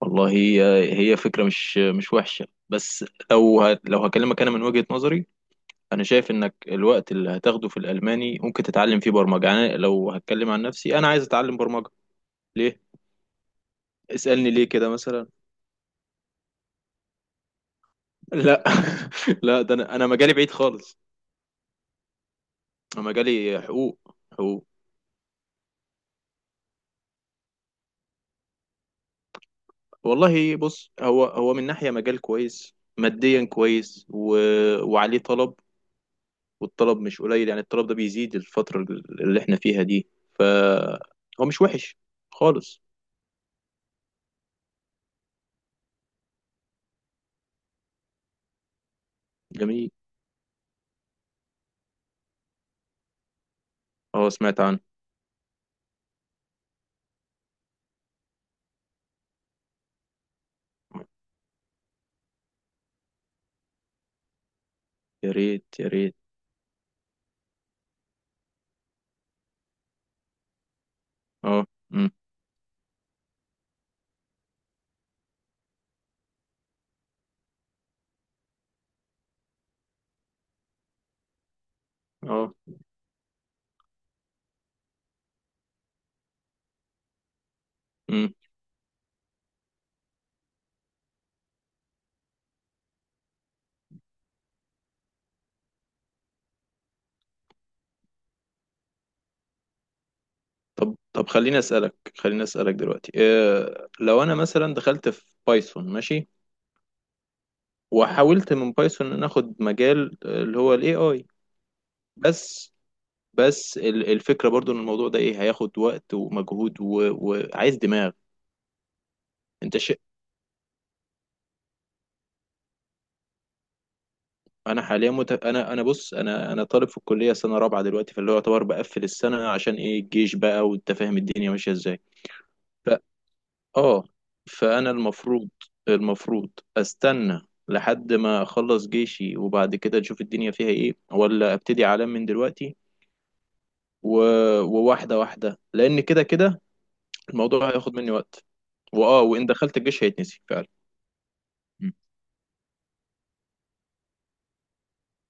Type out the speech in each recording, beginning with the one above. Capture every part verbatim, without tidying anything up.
والله، هي هي فكرة مش مش وحشة. بس لو ه... لو هكلمك، أنا من وجهة نظري أنا شايف إنك الوقت اللي هتاخده في الألماني ممكن تتعلم فيه برمجة. يعني أنا لو هتكلم عن نفسي، أنا عايز أتعلم برمجة. ليه؟ اسألني ليه كده مثلا. لا لا، ده أنا أنا مجالي بعيد خالص. أنا مجالي حقوق، حقوق. والله بص، هو هو من ناحية مجال كويس، ماديا كويس و... وعليه طلب. والطلب مش قليل، يعني الطلب ده بيزيد الفترة اللي احنا فيها دي. فهو مش وحش خالص. جميل. اه، سمعت عنه. يا ريت يا ريت. اه. امم. اه. امم. طب طب خليني اسألك خليني اسألك دلوقتي إيه، لو انا مثلا دخلت في بايثون، ماشي، وحاولت من بايثون ان اخد مجال اللي هو الاي اي، بس بس ال- الفكرة برضو ان الموضوع ده ايه، هياخد وقت ومجهود و- وعايز دماغ. انت ش... انا حاليا مت... انا انا بص، انا انا طالب في الكليه سنه رابعه دلوقتي، فاللي هو يعتبر بقفل السنه، عشان ايه، الجيش بقى، وانت فاهم الدنيا ماشيه ازاي. ف اه فانا المفروض المفروض استنى لحد ما اخلص جيشي، وبعد كده اشوف الدنيا فيها ايه، ولا ابتدي اعلم من دلوقتي و... وواحده واحده، لان كده كده الموضوع هياخد مني وقت. واه وان دخلت الجيش هيتنسي فعلا. م-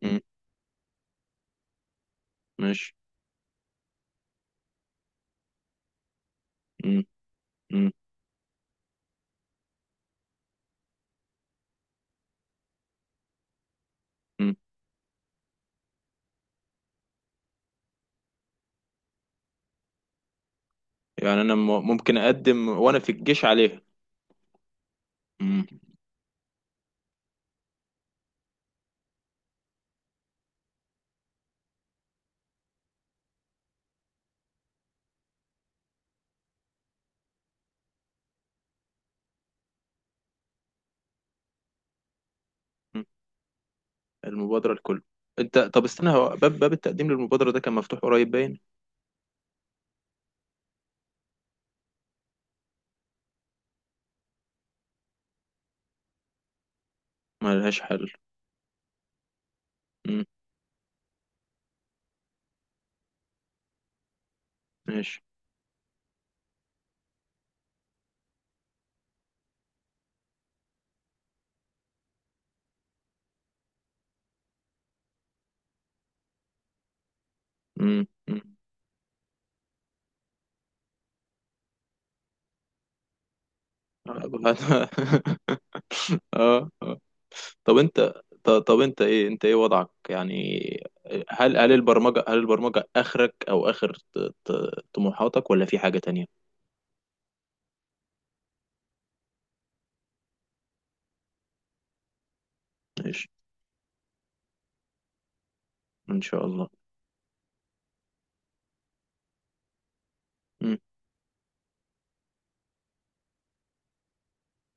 م- ماشي. م- م- م. يعني انا م- ممكن اقدم وانا في الجيش عليها. م- المبادرة الكل. انت، طب استنى، هو باب باب التقديم للمبادرة ده كان مفتوح قريب باين. ملهاش حل. مم. ماشي. مم. مم. اه اه. آه. طب انت، ط- طب انت ايه، انت ايه وضعك يعني؟ هل هل البرمجة هل البرمجة اخرك، او اخر ط- ط- طموحاتك، ولا في حاجة تانية؟ ماشي. ان شاء الله. مم.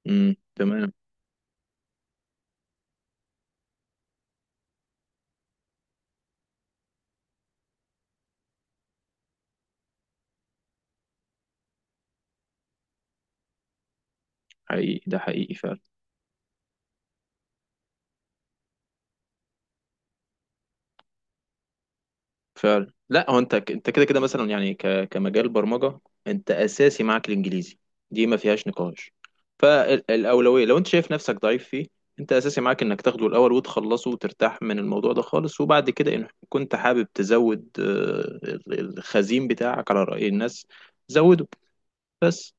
مم. تمام. حقيقي، ده حقيقي فعلا. فعلا، لا هو انت انت كده كده مثلا يعني، ك... كمجال برمجه. انت اساسي معاك الانجليزي، دي ما فيهاش نقاش. فالاولويه لو انت شايف نفسك ضعيف فيه، انت اساسي معاك انك تاخده الاول وتخلصه وترتاح من الموضوع ده خالص. وبعد كده ان كنت حابب تزود، آه، ال- الخزين بتاعك على راي الناس، زوده بس.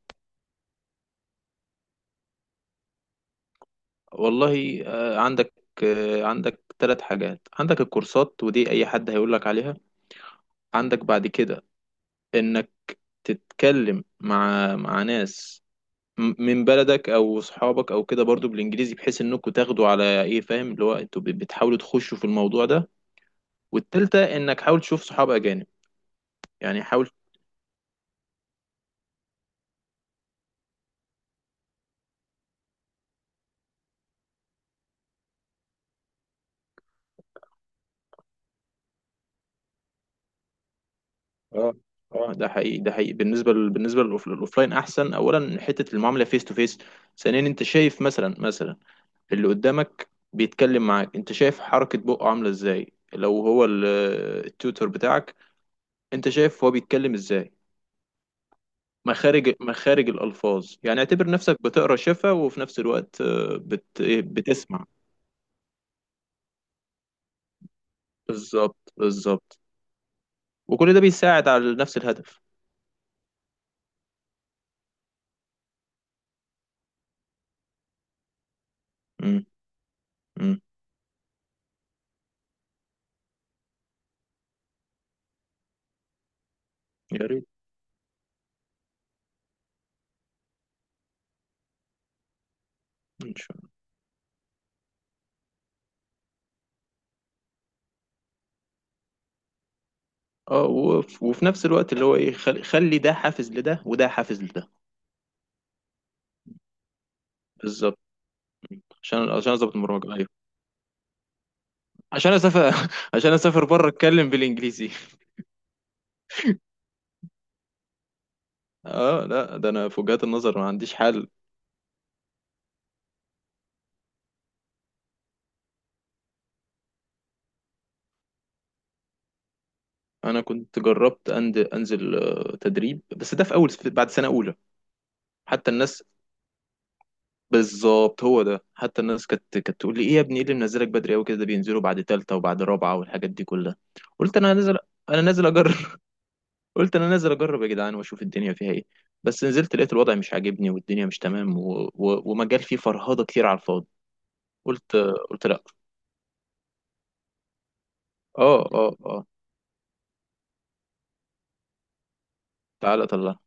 والله آه، عندك آه، عندك ثلاث حاجات: عندك الكورسات، ودي اي حد هيقول لك عليها. عندك بعد كده انك تتكلم مع مع ناس م- من بلدك او صحابك او كده، برضو بالانجليزي، بحيث انكم تاخدوا على ايه، فاهم، اللي هو انتوا ب- بتحاولوا تخشوا في الموضوع ده. والتالتة، انك حاول تشوف صحاب اجانب، يعني حاول. اه اه، ده حقيقي، ده حقيقي. بالنسبه ل... بالنسبه للأوف- للاوفلاين احسن. اولا، حته المعامله فيس تو فيس. ثانيا، انت شايف مثلا مثلا اللي قدامك بيتكلم معاك، انت شايف حركه بقه عامله ازاي، لو هو ال- التيوتر بتاعك، انت شايف هو بيتكلم ازاي. مخارج، مخارج الألفاظ، يعني اعتبر نفسك بتقرا شفا، وفي نفس الوقت آه، بت... إيه، بتسمع. بالظبط، بالظبط، وكل ده بيساعد على نفس الهدف. امم. امم. يا ريت. ان شاء الله. اه وف... وفي نفس الوقت اللي هو ايه، خل... خلي ده حافز لده، وده حافز لده. بالظبط. عشان عشان اظبط المراجعه، ايوه. عشان اسافر عشان اسافر بره، اتكلم بالانجليزي. اه، لا، ده انا في وجهات النظر ما عنديش حل. انا كنت جربت أند... انزل آه، تدريب، بس ده في اول بعد سنه اولى. حتى الناس بالظبط، هو ده. حتى الناس كانت كانت تقول لي ايه يا ابني، ايه اللي منزلك بدري قوي كده، ده بينزلوا بعد تالتة وبعد رابعة والحاجات دي كلها. قلت انا نازل، انا نازل اجرب. قلت انا نازل اجرب يا جدعان واشوف الدنيا فيها ايه. بس نزلت لقيت الوضع مش عاجبني والدنيا مش تمام، و... و... ومجال فيه فرهضة كتير على الفاضي. قلت قلت لا. اه اه اه. تعالى طلع، انت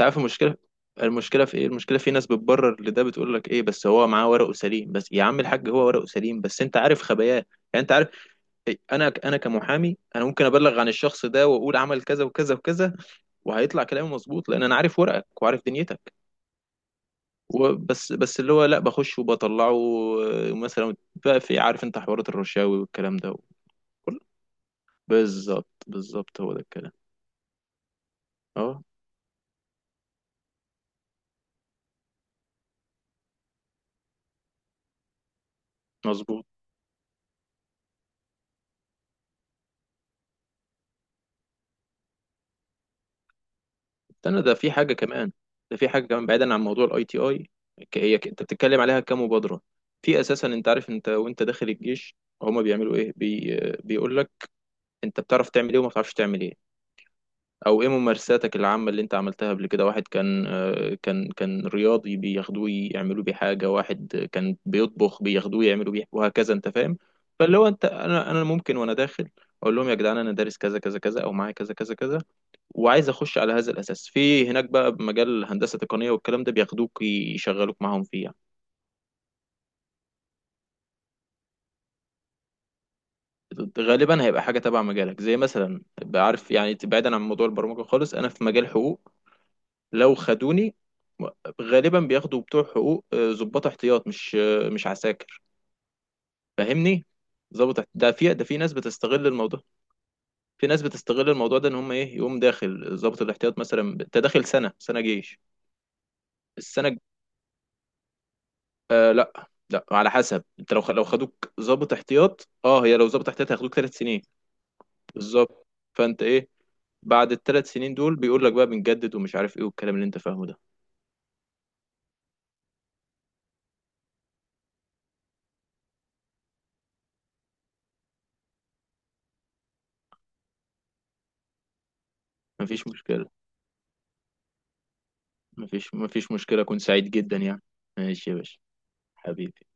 عارف المشكلة. المشكلة في ايه؟ المشكلة في ناس بتبرر لده، بتقول لك ايه، بس هو معاه ورقه سليم. بس يا عم الحاج، هو ورقه سليم، بس انت عارف خباياه يعني. انت عارف إيه، انا انا كمحامي، انا ممكن ابلغ عن الشخص ده واقول عمل كذا وكذا وكذا، وهيطلع كلامي مظبوط، لان انا عارف ورقك وعارف دنيتك. وبس بس اللي هو لا بخش وبطلعه. آه، مثلا بقى في، عارف انت حوارات الرشاوي والكلام ده. وكل بالظبط، بالظبط، هو ده الكلام. اه، مظبوط. استنى، ده في حاجه كمان. ده في حاجه كمان بعيدا عن موضوع الاي تي اي. هي ك- انت بتتكلم عليها كمبادره، في اساسا انت عارف، انت وانت داخل الجيش هما بيعملوا ايه. بي... بيقول لك، انت بتعرف تعمل ايه، وما بتعرفش تعمل ايه، او ايه ممارساتك العامة اللي انت عملتها قبل كده. واحد كان آه، كان كان رياضي بياخدوه يعملوا بيه حاجة. واحد كان بيطبخ بياخدوه يعملوا بيه، وهكذا، انت فاهم. فاللي هو انت، انا انا ممكن وانا داخل اقول لهم يا جدعان انا دارس كذا كذا كذا، او معايا كذا كذا كذا، وعايز اخش على هذا الاساس في هناك بقى، بمجال هندسة تقنية والكلام ده، بياخدوك يشغلوك معاهم فيه يعني. غالبا هيبقى حاجة تبع مجالك، زي مثلا، بعرف يعني، بعيدا عن موضوع البرمجة خالص، انا في مجال حقوق، لو خدوني غالبا بياخدوا بتوع حقوق آه، ضباط احتياط، مش آه، مش عساكر، فاهمني. ضابط احت- ده في ده في ناس بتستغل الموضوع. في ناس بتستغل الموضوع ده، ان هم ايه، يقوم داخل ضابط الاحتياط مثلا. انت داخل سنه، سنه جيش. السنه الج- آه لا لا، على حسب. انت لو خ- لو خدوك ضابط احتياط، اه، هي لو ضابط احتياط هياخدوك ثلاث سنين. بالظبط. فانت ايه؟ بعد الثلاث سنين دول بيقول لك بقى، بنجدد ومش عارف ايه، والكلام اللي انت فاهمه ده. مفيش مشكله، مفيش مفيش مشكله، اكون سعيد جدا يعني. ماشي يا باشا. حبيبي.